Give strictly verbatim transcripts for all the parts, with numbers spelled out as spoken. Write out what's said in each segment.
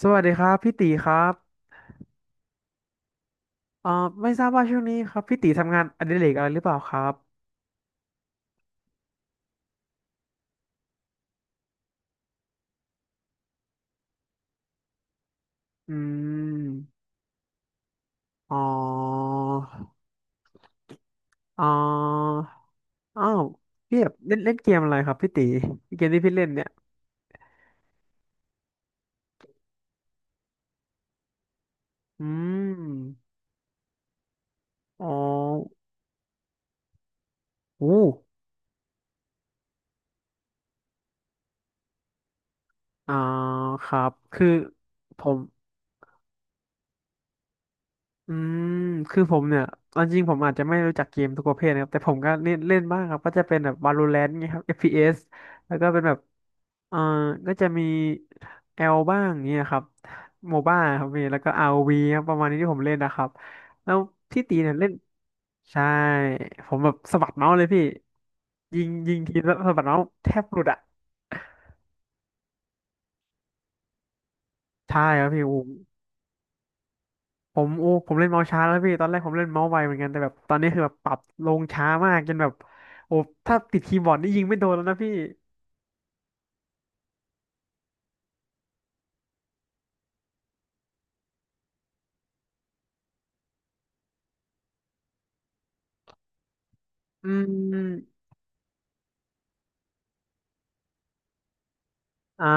สวัสดีครับพี่ตีครับเอ่อไม่ทราบว่าช่วงนี้ครับพี่ตีทำงานอดิเรกอะไรหรือเปล่าครับอืมอ๋ออ๋ออ้าวพี่แบบเล่นเล่นเกมอะไรครับพี่ตีเกมที่พี่เล่นเนี่ยอืมอ๋ออู้อ่าครับคือผม อืม คือผมเนี่ยเอาจริงผมอาจจะไม่รู้จักเกมทุกประเภทนะครับ แต่ผมก็เล่นเล่นบ้างครับก็จะเป็นแบบ Valorant เงี้ยครับ เอฟ พี เอส แล้วก็เป็นแบบเอ่อก็จะมี L บ้างเงี้ยครับ Mobile ครับมีแล้วก็ อาร์ โอ วี ครับประมาณนี้ที่ผมเล่นนะครับ แล้วพี่ตีเนี่ยเล่น ใช่ ผมแบบสะบัดเมาส์เลยพี่ยิงยิงทีแล้วสะบัดเมาส์แทบหลุดอ่ะใช่ครับพี่โอ้โห ผมโอ้ผมเล่นเมาส์ช้าแล้วพี่ตอนแรกผมเล่นเมาส์ไวเหมือนกันแต่แบบตอนนี้คือแบบปรับลงช้ามากจนแบบโอ้ถ้าติดคีย์บอร์ดนี่ยิงไม่โดนแล้วนะพี่ อืมอ่า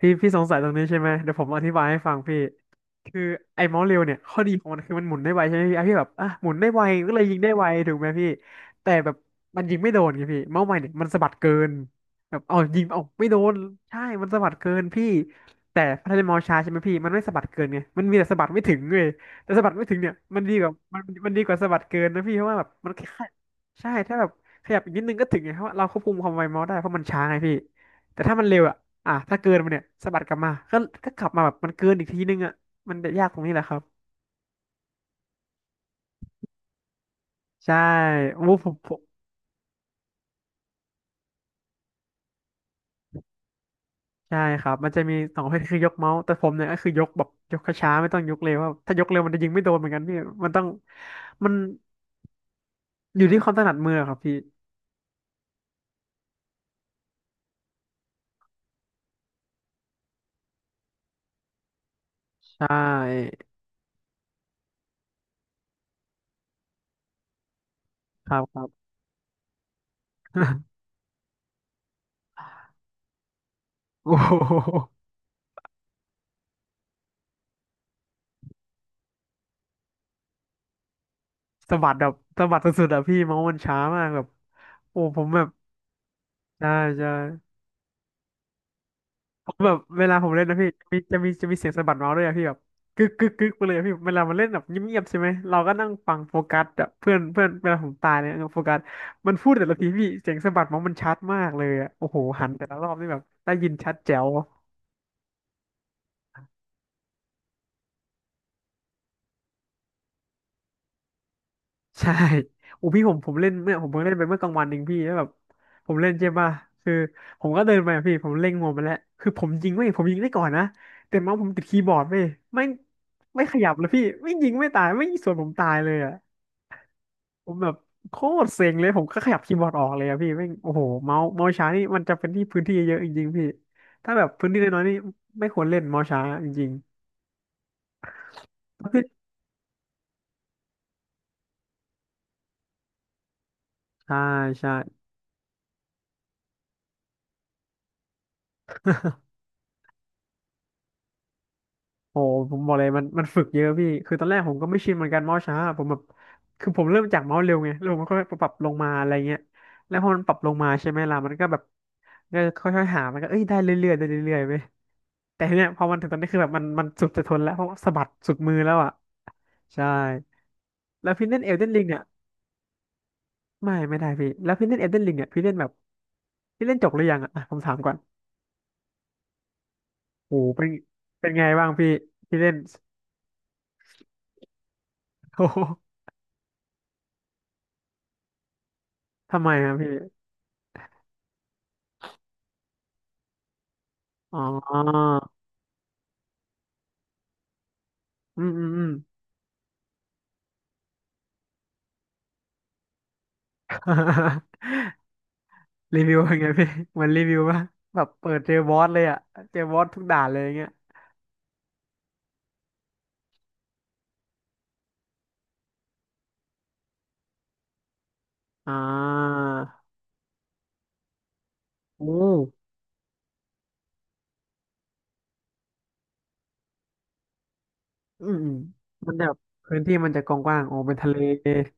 พี่พี่สงสัยตรงนี้ใช่ไหมเดี๋ยวผมอธิบายให้ฟังพี่คือไอ้เมาส์เร็วเนี่ยข้อดีของมันคือมันหมุนได้ไวใช่ไหมพี่ไอ้พี่แบบอ่ะหมุนได้ไวก็เลยยิงได้ไวถูกไหมพี่แต่แบบมันยิงไม่โดนไงพี่เมาส์ใหม่เนี่ยมันสะบัดเกินแบบเอายิงเอาไม่โดนใช่มันสะบัดเกินพี่แต่พัฒนาเมาส์ช้าใช่ไหมพี่มันไม่สะบัดเกินไงมันมีแต่สะบัดไม่ถึงเลยแต่สะบัดไม่ถึงเนี่ยมันดีกว่ามันมันดีกว่าสะบัดเกินนะพี่เพราะว่าแบบมันแค่ใช่ถ้าแบบขยับอีกนิดนึงก็ถึงไงเพราะว่าเราควบคุมความไวเมาส์ได้เพราะมันช้าไงพี่แต่ถ้ามันเร็วอะ อ่ะถ้าเกินมันเนี่ยสะบัดกลับมาก็ก็กลับมาแบบมันเกินอีกทีนึงอ่ะมันจะยากตรงนี้แหละครับใช่โอ้ผมผมใช่ครับมันจะมีสองประเภทคือยกเมาส์แต่ผมเนี่ยก็คือยกแบบยกช้าๆไม่ต้องยกเร็วว่าะถ้ายกเร็วมันจะยิงไม่โดนเหมือนกันพี่มันต้องมันอยู่ที่ความถนัดมือครับพี่ใช่ครับครับ โอ้โหสะบัดแบบสะบัดสุดๆอะพี่เมาส์มันช้ามากแบบโอ้ผมแบบใช่ใช่ ผมแบบเวลาผมเล่นนะพี่มีจะมีจะมีเสียงสะบัดเมาส์ด้วยอะพี่แบบกึกกึกกึกไปเลยอะพี่เวลามันเล่นแบบเงียบๆใช่ไหม เราก็นั่งฟังโฟกัสแบเพื่อนเพื่อนเวลาผมตายเนี่ยโฟกัสมันพูดแต่ละทีพี่เสียงสะบัดเมาส์มันชัดมากเลยอะโอ้โหหันแต่ละรอบนี่แบบได้ยินชัดแจ๋วใช่โอ้พี่ผมผมเล่นเมื่อผมเพิ่งเล่นไปเมื่อกลางวันเองพี่แล้วแบบผมเล่นใช่ป่ะคือผมก็เดินไปอะพี่ผมเล็งงวมันแล้วคือผมยิงไม่ผมยิงได้ก่อนนะแต่เมาส์ผมติดคีย์บอร์ดเว้ยไม่ไม่ขยับเลยพี่ไม่ยิงไม่ตายไม่ยิงสวนผมตายเลยอะ ผมแบบโคตรเซ็งเลยผมก็ขยับคีย์บอร์ดออกเลยอะพี่แม่งโอ้โหเมาส์เมาส์ช้านี่มันจะเป็นที่พื้นที่เยอะจริงๆพี่ถ้าแบบพื้นที่น้อยๆนี่ไม่ควรเล่นเมาส์ช้าจริงๆ ก็คือใช่ใช่โอ้ผมบอกเลยมันมันฝึกเยอะพี่คือตอนแรกผมก็ไม่ชินเหมือนกันเมาส์ช้าผมแบบคือผมเริ่มจากเมาส์เร็วไงแล้วผมก็ค่อยปรับลงมาอะไรเงี้ยแล้วพอมันปรับลงมาใช่ไหมล่ะมันก็แบบก็ค่อยๆหามันก็เอ้ยได้เรื่อยๆได้เรื่อยๆไปแต่เนี่ยพอมันถึงตอนนี้คือแบบมันมันสุดจะทนแล้วเพราะว่าสะบัดสุดมือแล้วอะใช่แล้วพี่เล่นเอลเดนริงเนี่ย ไม่ไม่ได้พี่แล้วพี่เล่นเอ d เดน i ิงเนี่ยพี่เล่นแบบพี่เล่นจบหรือยังอะอ่ะผมถามก่อนโอ้โหเป็นเป็นไงบ้างพี่พี่เล่น โอ้โหทำไมอะพี่อ๋ออืมอืมอืม รีวิวเป็นไงพี่เหมือนรีวิวป่ะแบบเปิดเจอบอสเลยอะเจอบอสทุกด่านเลยอย่างเงี้ยอ่าโอ้อืมอืมมันแบบพื้นที่มันจะกว้างๆโอ้เป็นทะเล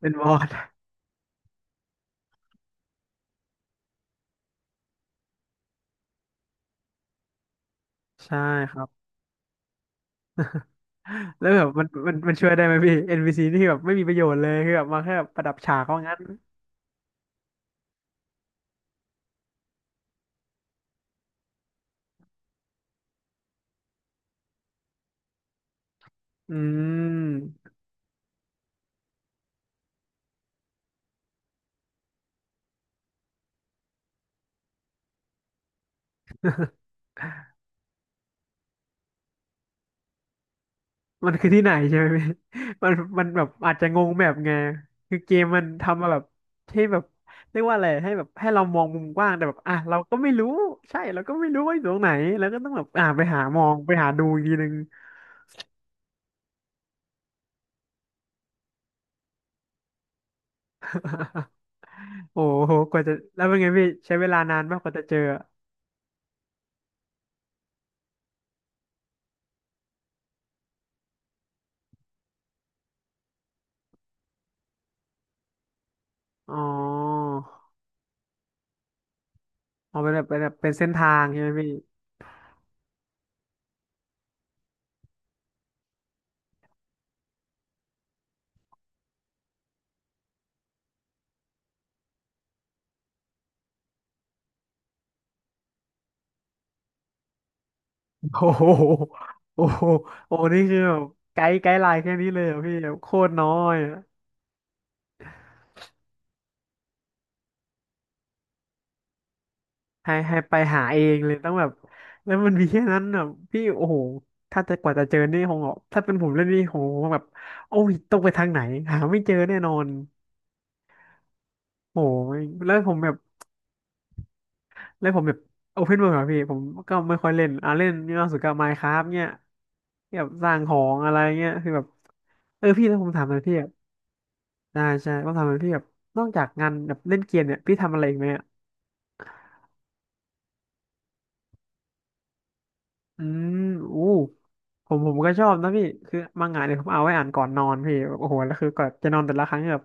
เป็นบอสใช่ครับ แล้วแบบมันมันมันช่วยได้ไหมพี่ เอ็น พี ซี นพีซีนี่แบบไม่มีประโยชน์เลยคือแบบมาแค่แบบประดับฉากเขางั้นอืม มันคือที่ไหนใช่ไหมพี่ มันมันแบบอาจจะงงแบบไงคือเกมมันทำมาแบบให้แบบเรียกว่าอะไรให้แบบให้เรามองมุมกว้างแต่แบบอ่ะเราก็ไม่รู้ใช่เราก็ไม่รู้ว่าอยู่ตรงไหนแล้วก็ต้องแบบอ่ะไปหามองไปหาดูอีกทีนึง โอ้โหกว่าจะแล้วเป็นไงพี่ใช้เวลานานมากกว่าจะเจออ๋ออ๋อเป็นแบบเป็นแบบเป็นเส้นทางใช่ไหมพี่ โอ้โหโอ้โหโอ้นี่คือแบบไกด์ไกด์ไลน์แค่นี้เลยเหรอพี่แบบโคตรน้อยอะให้ให้ไปหาเองเลยต้องแบบแล้วมันมีแค่นั้นแบบพี่โอ้โหถ้าจะกว่าจะเจอนี่คงแบบถ้าเป็นผมเล่นนี่โหแบบโอ้ยต้องไปทางไหนหาไม่เจอแน่นอนโอ้ยแล้วผมแบบแล้วผมแบบโอเพนเวิลด์อะพี่ผมก็ไม่ค่อยเล่นอ่ะเล่นนี่ล่าสุดก็ มายคราฟต์ เนี่ยแบบสร้างของอะไรเงี้ยคือแบบเออพี่แล้วผมถามหน่อยพี่ ใช่ใช่ต้องทำอะไรที่แบบนอกจากงานแบบเล่นเกมเนี่ยพี่ทำอะไรอีกไหมอ่ะอืมอู้ผมผมก็ชอบนะพี่คือมังงะเนี่ยผมเอาไว้อ่านก่อนนอนพี่โอ้โหแล้วคือก่อนจะนอนแต่ละครั้งเนี่ยแบบ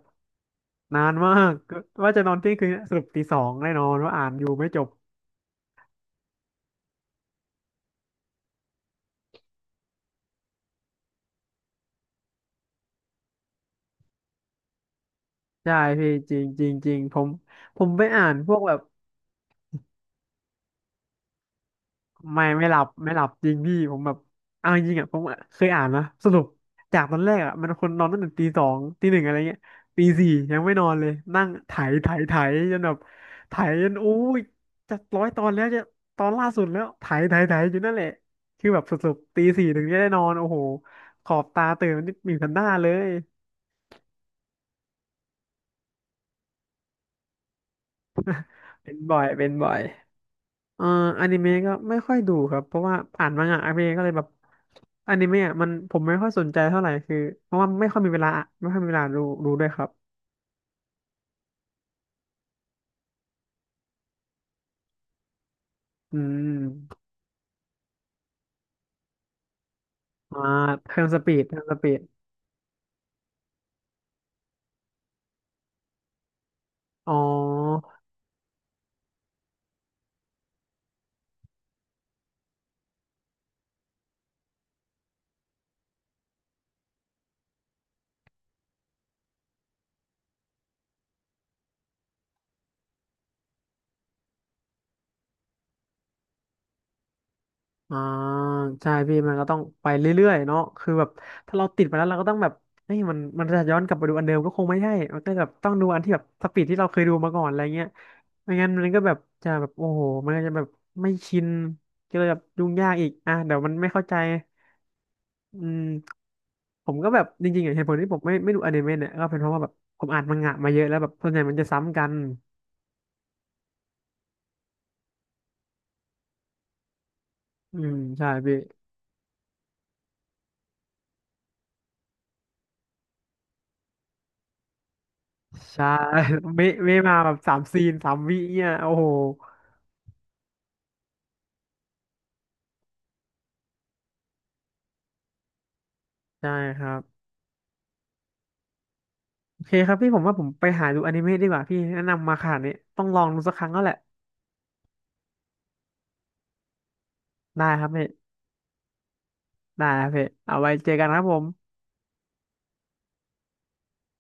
นานมากก็ว่าจะนอนเที่ยงคืนสรุปตีสองได้นอนว่าะอ่านอยู่ไม่จบใช่พี่จริงจริงจริงผมผมไปอ่านพวกแบบ ไม่ไม่หลับไม่หลับจริงพี่ผมแบบเอาจริงอ่ะผมเคยอ่านนะสรุปจากตอนแรกอ่ะมันคนนอนตั้งแต่ตีสองตีหนึ่งอะไรเงี้ยตีสี่ยังไม่นอนเลยนั่งไถไถไถจนแบบไถจนอู้ยจะร้อยตอนแล้วจะตอนล่าสุดแล้วไถไถไถอยู่นั่นแหละคือแบบสรุปตีสี่ถึงจะได้นอนโอ้โหขอบตาตื่นมันนี่มีพันหน้าเลยเป็นบ่อยเป็นบ่อย เอ่ออนิเมะก็ไม่ค่อยดูครับเพราะว่าอ่านมังงะอนิเมะก็เลยแบบอนิเมะอมันผมไม่ค่อยสนใจเท่าไหร่คือเพราะว่าไม่ค่อยมีเวลาไม่ค่อยมีเวลาดูดูด้วยครับอืมอ่าเทร์นสปีดเทร์นสปีดอ๋อ อ่าใช่พี่มันก็ต้องไปเรื่อยๆเนาะคือแบบถ้าเราติดไปแล้วเราก็ต้องแบบเฮ้ยมันมันจะย้อนกลับไปดูอันเดิมก็คงไม่ใช่มันก็แบบต้องดูอันที่แบบสปีดที่เราเคยดูมาก่อนอะไรเงี้ยไม่งั้นมันก็แบบจะแบบโอ้โหมันก็จะแบบไม่ชินก็เลยแบบยุ่งยากอีกอ่ะเดี๋ยวมันไม่เข้าใจอืมผมก็แบบจริงๆอ่ะเหตุผลที่ผมไม่ไม่ดูอนิเมะเนี่ยก็เป็นเพราะว่าแบบผมอ่านมังงะมาเยอะแล้วแบบส่วนใหญ่มันจะซ้ำกันอืมใช่พี่ใช่ ไม่ไม่มาแบบสามซีนสามวิเนี่ยโอ้โห ได้ครับโอเคครับพี่ผมว่าผมไปหาดูอนิเมะดีกว่าพี่แนะนำมาขนาดนี้ต้องลองดูสักครั้งแล้วแหละได้ครับพี่ได้ครับพี่เอาไว้เจอกันครับผม